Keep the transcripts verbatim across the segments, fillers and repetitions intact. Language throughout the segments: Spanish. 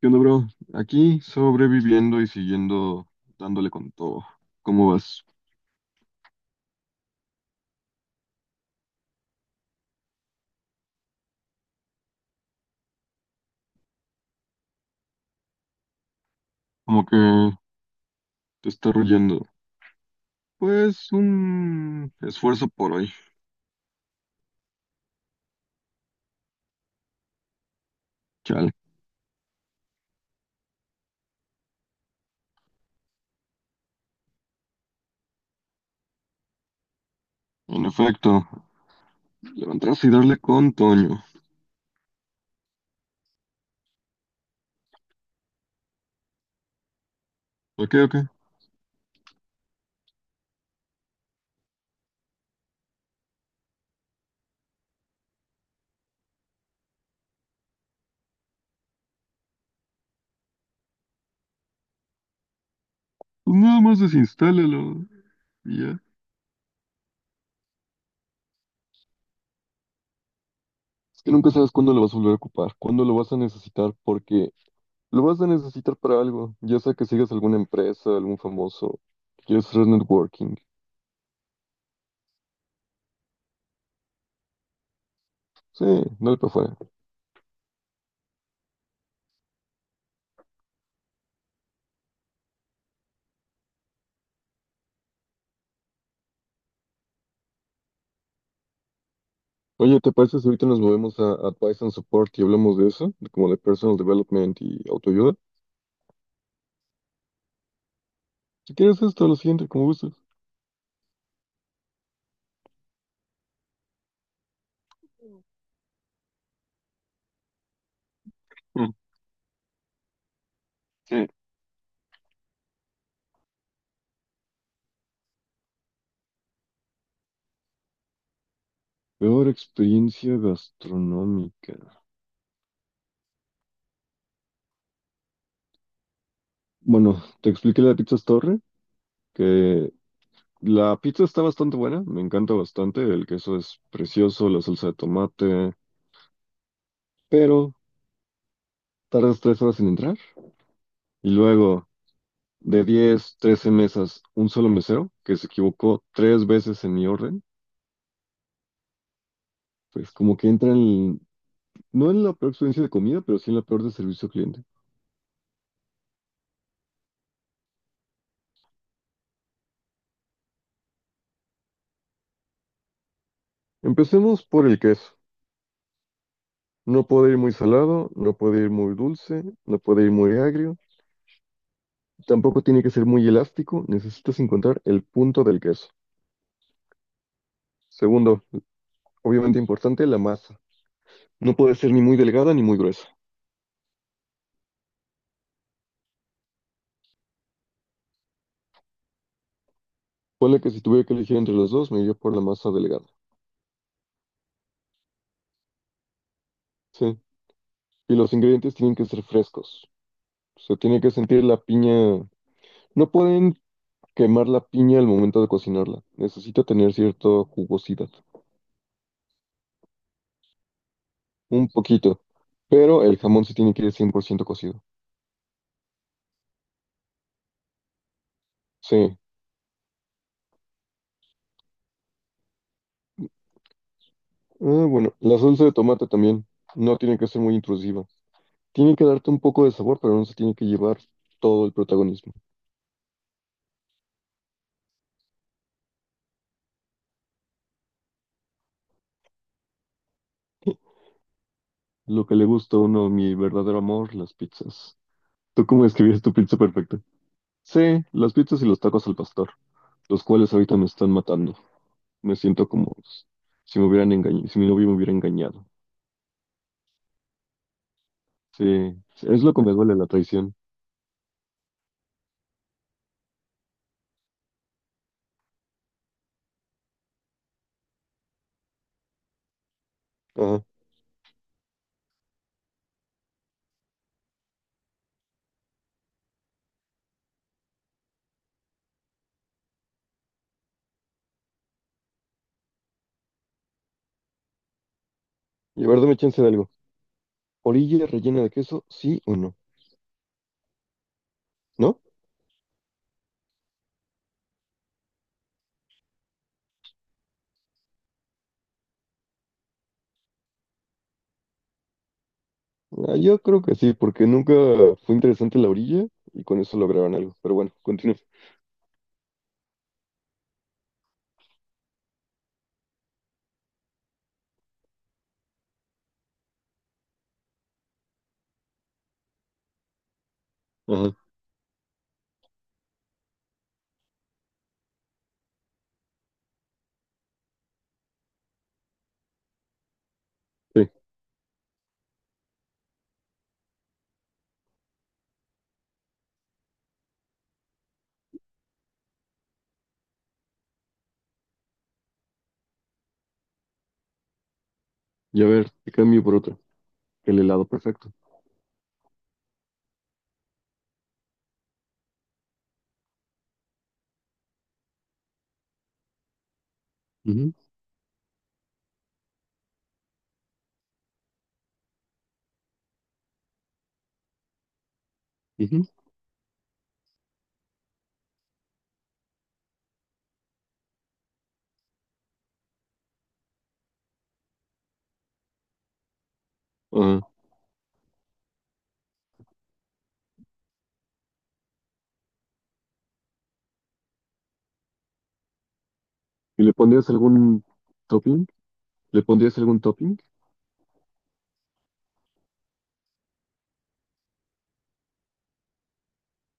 ¿Qué onda, bro? Aquí sobreviviendo y siguiendo dándole con todo. ¿Cómo vas? Como que te está royendo. Pues un esfuerzo por hoy. Chale. En efecto, levantarse y darle con Toño. Ok, ok. Pues nada más desinstálalo. Y ya. Es que nunca sabes cuándo lo vas a volver a ocupar, cuándo lo vas a necesitar, porque lo vas a necesitar para algo, ya sea que sigas alguna empresa, algún famoso, que quieres hacer networking. Sí, dale para afuera. Oye, ¿te parece si ahorita nos movemos a Advice and Support y hablamos de eso? De como de Personal Development y autoayuda. Si quieres esto, lo siguiente, como gustes. Mm, sí. Peor experiencia gastronómica. Bueno, te expliqué la de Pizzas Torre, que la pizza está bastante buena, me encanta bastante, el queso es precioso, la salsa de tomate, pero tardas tres horas en entrar. Y luego, de diez, trece mesas, un solo mesero, que se equivocó tres veces en mi orden, pues como que entran. No en la peor experiencia de comida, pero sí en la peor de servicio al cliente. Empecemos por el queso. No puede ir muy salado, no puede ir muy dulce, no puede ir muy agrio, tampoco tiene que ser muy elástico, necesitas encontrar el punto del queso. Segundo, obviamente importante, la masa. No puede ser ni muy delgada ni muy gruesa. Ponle que si tuviera que elegir entre los dos, me iría por la masa delgada. Sí. Y los ingredientes tienen que ser frescos. Se tiene que sentir la piña. No pueden quemar la piña al momento de cocinarla. Necesita tener cierta jugosidad. Un poquito. Pero el jamón sí tiene que ir cien por ciento cocido. Sí. Ah, bueno, la salsa de tomate también. No tiene que ser muy intrusiva. Tiene que darte un poco de sabor, pero no se tiene que llevar todo el protagonismo. Lo que le gusta a uno, mi verdadero amor, las pizzas. ¿Tú cómo escribías tu pizza perfecta? Sí, las pizzas y los tacos al pastor, los cuales ahorita me están matando. Me siento como si me hubieran engañado, si mi novio me hubiera engañado. Sí, es lo que me duele la traición. Ajá. Y a ver, dame chance de algo. ¿Orilla rellena de queso? ¿Sí o no? ¿No? Ah, yo creo que sí, porque nunca fue interesante la orilla y con eso lograron algo. Pero bueno, continúe. Ajá, sí. Y a ver, te cambio por otra. El helado perfecto. Ujú, ujú. Ajá. ¿Y le pondrías algún topping? ¿Le pondrías algún topping?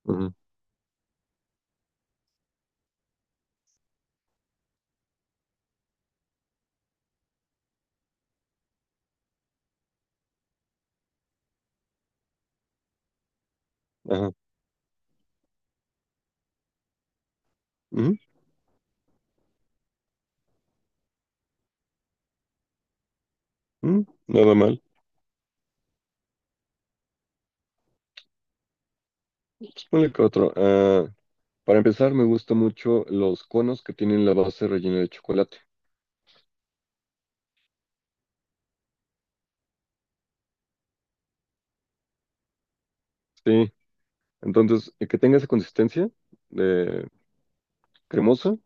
Ajá. Ajá. Ujú, ujú. Nada mal. Pues ponle que otro. Ah, para empezar, me gustan mucho los conos que tienen la base rellena de chocolate. Sí. Entonces, eh, que tenga esa consistencia de cremosa,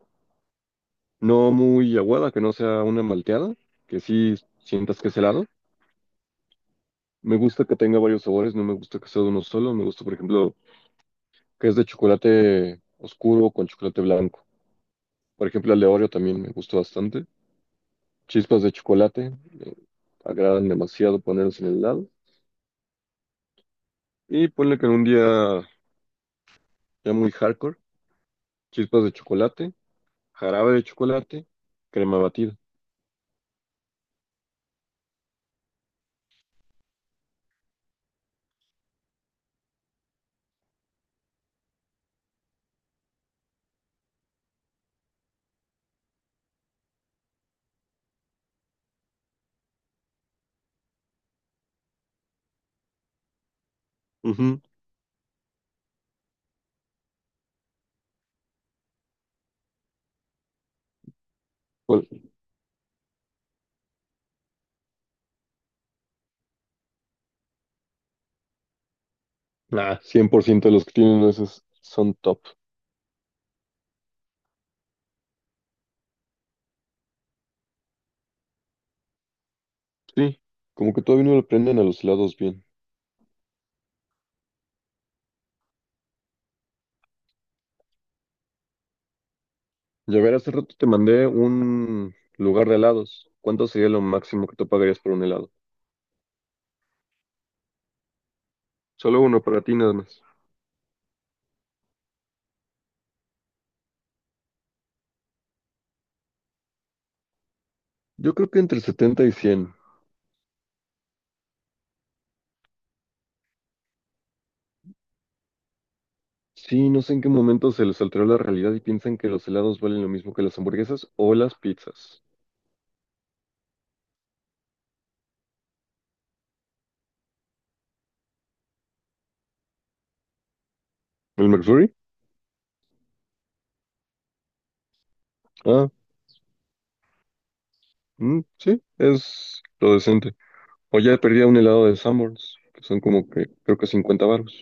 no muy aguada, que no sea una malteada, que sí sientas que es helado. Me gusta que tenga varios sabores, no me gusta que sea de uno solo. Me gusta, por ejemplo, que es de chocolate oscuro con chocolate blanco. Por ejemplo, el de Oreo también me gustó bastante. Chispas de chocolate, me agradan demasiado ponerlos en el helado. Y ponle que en un día ya muy hardcore, chispas de chocolate, jarabe de chocolate, crema batida. Ujú. Pues, nah, cien por ciento de los que tienen esos son top. Sí, como que todavía no le prenden a los helados bien. Ya ver, hace rato te mandé un lugar de helados. ¿Cuánto sería lo máximo que tú pagarías por un helado? Solo uno para ti nada más. Yo creo que entre setenta y cien. Sí, no sé en qué momento se les alteró la realidad y piensan que los helados valen lo mismo que las hamburguesas o las pizzas. ¿El McFlurry? Ah, mm, sí, es lo decente. O ya perdí un helado de Sanborns, que son como que creo que cincuenta baros.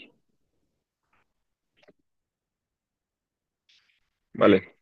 Vale,